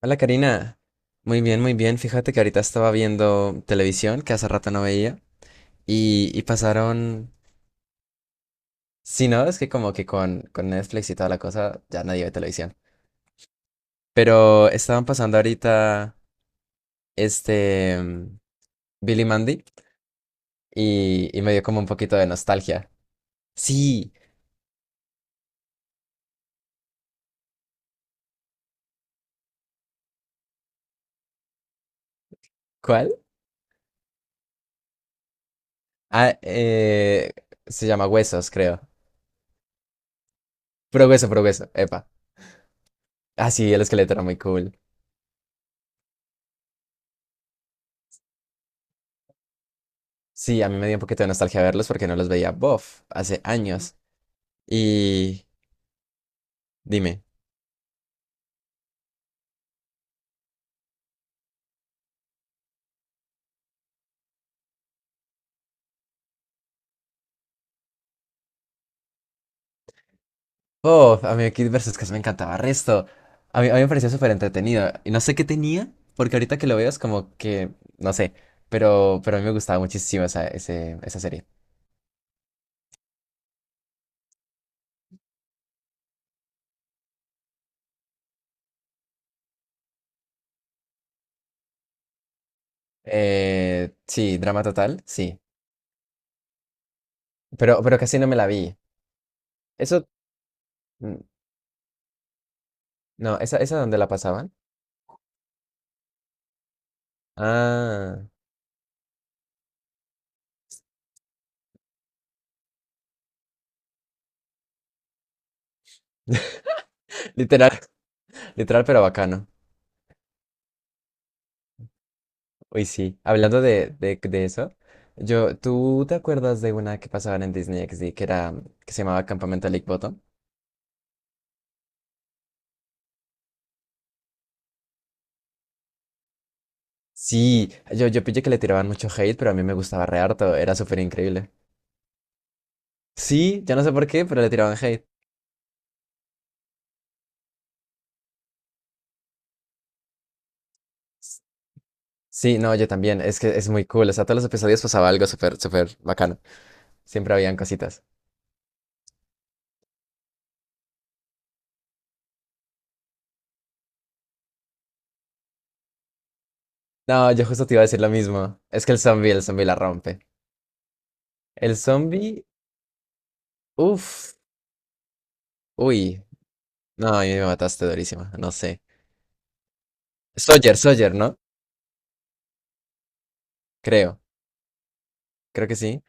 Hola Karina, muy bien, muy bien. Fíjate que ahorita estaba viendo televisión que hace rato no veía y pasaron, si no, es que como que con Netflix y toda la cosa ya nadie ve televisión. Pero estaban pasando ahorita este mm, Billy Mandy y me dio como un poquito de nostalgia. Sí, ¿cuál? Ah, se llama Huesos, creo. Progreso, progreso, epa. Ah, sí, el esqueleto era muy cool. Sí, a mí me dio un poquito de nostalgia verlos porque no los veía, bof, hace años. Y dime, oh, a mí Kid vs. Cass me encantaba resto. A mí me parecía súper entretenido. Y no sé qué tenía, porque ahorita que lo veo es como que, no sé, pero a mí me gustaba muchísimo esa, esa serie. Sí, drama total, sí. Pero casi no me la vi. Eso, mm, no, esa donde la pasaban. Ah, literal, literal, pero bacano. Uy, sí, hablando de eso, ¿tú te acuerdas de una que pasaban en Disney XD que era, que se llamaba Campamento Lake Bottom? Sí, yo pillé que le tiraban mucho hate, pero a mí me gustaba re harto, era súper increíble. Sí, yo no sé por qué, pero le tiraban hate. S- Sí, no, yo también, es que es muy cool, o sea, todos los episodios pasaba algo súper, súper bacano, siempre habían cositas. No, yo justo te iba a decir lo mismo, es que el zombie la rompe. El zombie, uff, uy, no, a mí me mataste durísima, no sé. Sawyer, Sawyer, ¿no? Creo, creo que sí.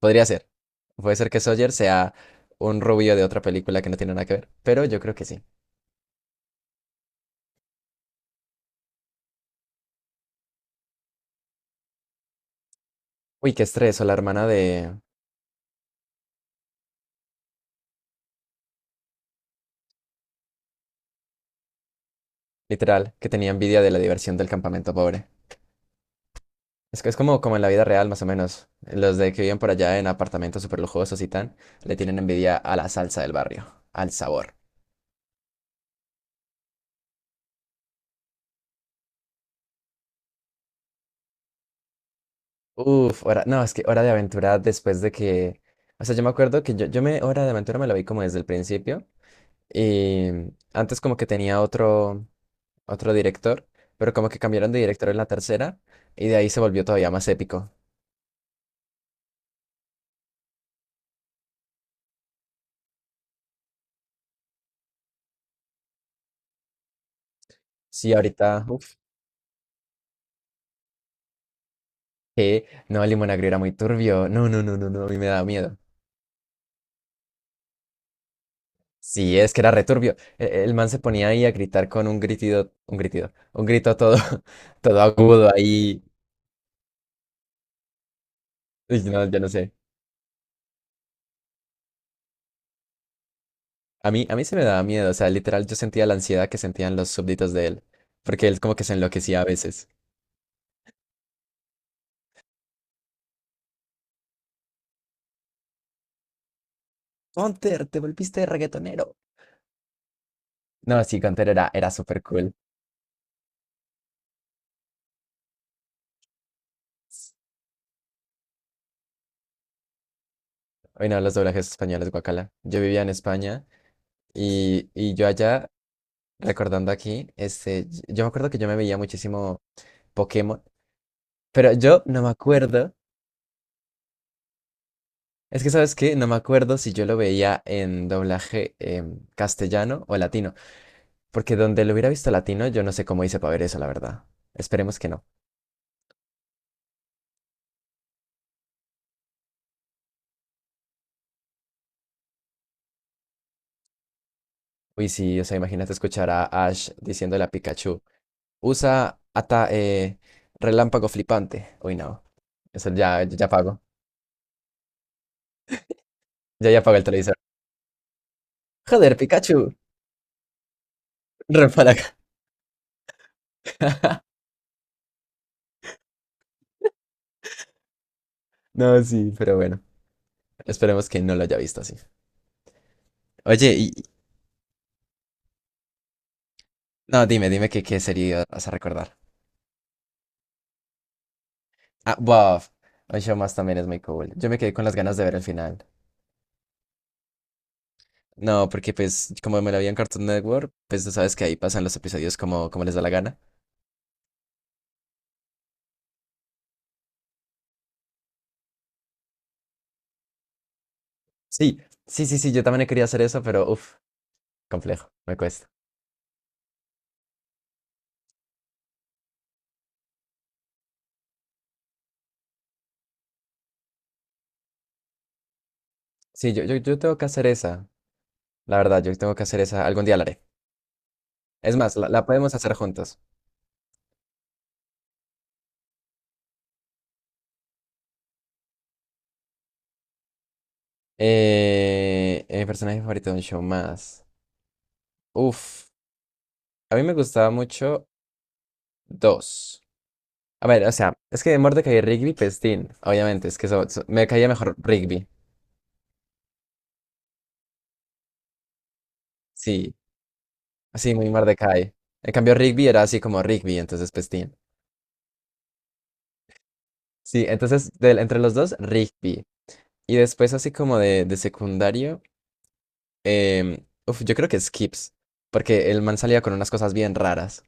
Podría ser. Puede ser que Sawyer sea un rubio de otra película que no tiene nada que ver, pero yo creo que sí. Uy, qué estrés, o la hermana de... Literal, que tenía envidia de la diversión del campamento pobre. Es que es como en la vida real, más o menos. Los de que viven por allá en apartamentos súper lujosos y tan, le tienen envidia a la salsa del barrio, al sabor. Uf, no, es que Hora de Aventura después de que... O sea, yo me acuerdo que yo me... Hora de Aventura me la vi como desde el principio. Y antes como que tenía otro... otro director, pero como que cambiaron de director en la tercera y de ahí se volvió todavía más épico. Sí, ahorita, uf, que no, el limonagrio era muy turbio. No, no, no, no, no, a mí me daba miedo. Sí, es que era returbio. El man se ponía ahí a gritar con un gritido, un gritido, un grito todo, todo agudo ahí. Uy, no, yo no sé. A mí se me daba miedo, o sea, literal yo sentía la ansiedad que sentían los súbditos de él, porque él como que se enloquecía a veces. Gunter, te volviste reggaetonero. No, sí, Gunter era súper cool. Hoy no, los doblajes españoles, guacala. Yo vivía en España y yo allá, recordando aquí, yo me acuerdo que yo me veía muchísimo Pokémon, pero yo no me acuerdo, es que sabes qué, no me acuerdo si yo lo veía en doblaje castellano o latino, porque donde lo hubiera visto latino, yo no sé cómo hice para ver eso, la verdad. Esperemos que no. Uy, sí, o sea, imagínate escuchar a Ash diciéndole a Pikachu, usa ata relámpago flipante. Uy, no, eso ya, ya pago, ya pago el televisor. Joder, Pikachu, ven para acá. No, sí, pero bueno, esperemos que no lo haya visto así. Oye, y no, dime, dime qué serie vas a recordar. Ah, Buff. Un show más también es muy cool. Yo me quedé con las ganas de ver el final. No, porque pues como me lo vi en Cartoon Network, pues tú sabes que ahí pasan los episodios como les da la gana. Sí, sí, sí, sí, yo también quería hacer eso, pero uff, complejo, me cuesta. Sí, yo tengo que hacer esa. La verdad, yo tengo que hacer esa. Algún día la haré. Es más, la podemos hacer juntos. Personaje favorito de un show más. Uf, a mí me gustaba mucho dos. A ver, o sea, es que de Mordecai y Rigby, pues, tin, obviamente, es que me caía mejor Rigby. Sí, así muy Mordecai. En cambio, Rigby era así como Rigby, entonces, pues, tin. Sí, entonces, entre los dos, Rigby. Y después, así como de secundario, uf, yo creo que Skips, porque el man salía con unas cosas bien raras.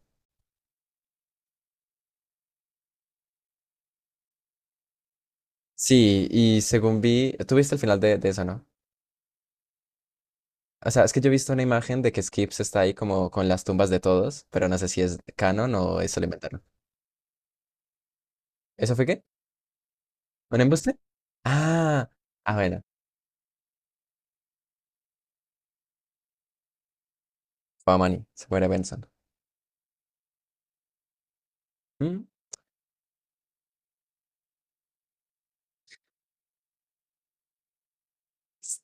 Sí, y según vi, tú viste el final de eso, ¿no? O sea, es que yo he visto una imagen de que Skips está ahí como con las tumbas de todos, pero no sé si es canon o eso lo inventaron. ¿Eso fue qué? ¿Un embuste? Ah, ah, bueno, fue a Manny, se muere Benson. Mm. S-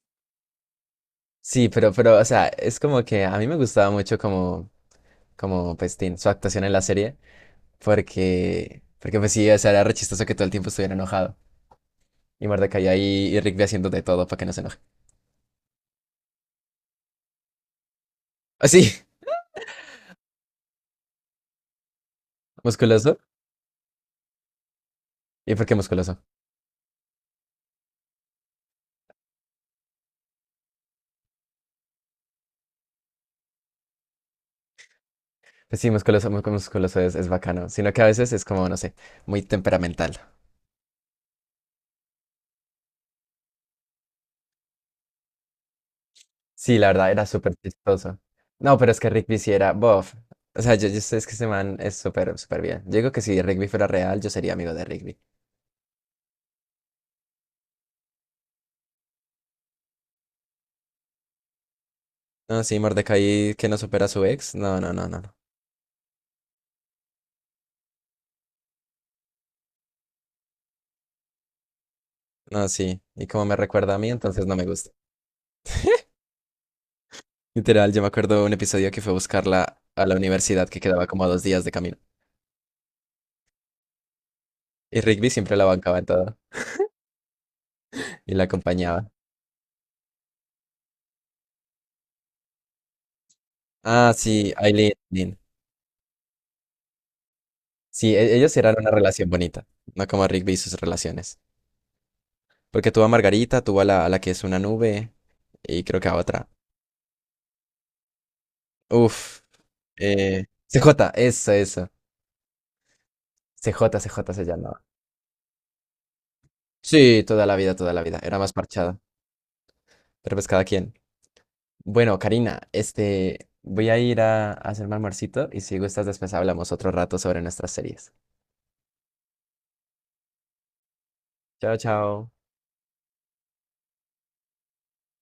Sí, pero, o sea, es como que a mí me gustaba mucho como Pestín, su actuación en la serie, porque pues sí, o sea, era re chistoso que todo el tiempo estuviera enojado. Y Mordecai ahí y Rigby haciendo de todo para que no se enoje. Así, musculoso. ¿Y por qué musculoso? Pues sí, musculoso, muy musculoso es bacano, sino que a veces es como, no sé, muy temperamental. Sí, la verdad, era súper chistoso. No, pero es que Rigby sí era bof. O sea, yo sé es que ese man es súper, súper bien. Yo digo que si Rigby fuera real, yo sería amigo de Rigby. No, sí, Mordecai que no supera a su ex. No, no, no, no. No, no, sí. Y como me recuerda a mí, entonces no me gusta. Literal, yo me acuerdo un episodio que fue a buscarla a la universidad que quedaba como a 2 días de camino. Y Rigby siempre la bancaba en todo y la acompañaba. Ah, sí, Aileen. Sí, ellos eran una relación bonita, no como Rigby y sus relaciones. Porque tuvo a Margarita, tuvo a la que es una nube y creo que a otra. Uf, CJ, eso, eso. CJ, CJ se llamaba. Sí, toda la vida, toda la vida. Era más parchada. Pero pues cada quien. Bueno, Karina, voy a ir a hacerme almuercito y si gustas después hablamos otro rato sobre nuestras series. Chao, chao.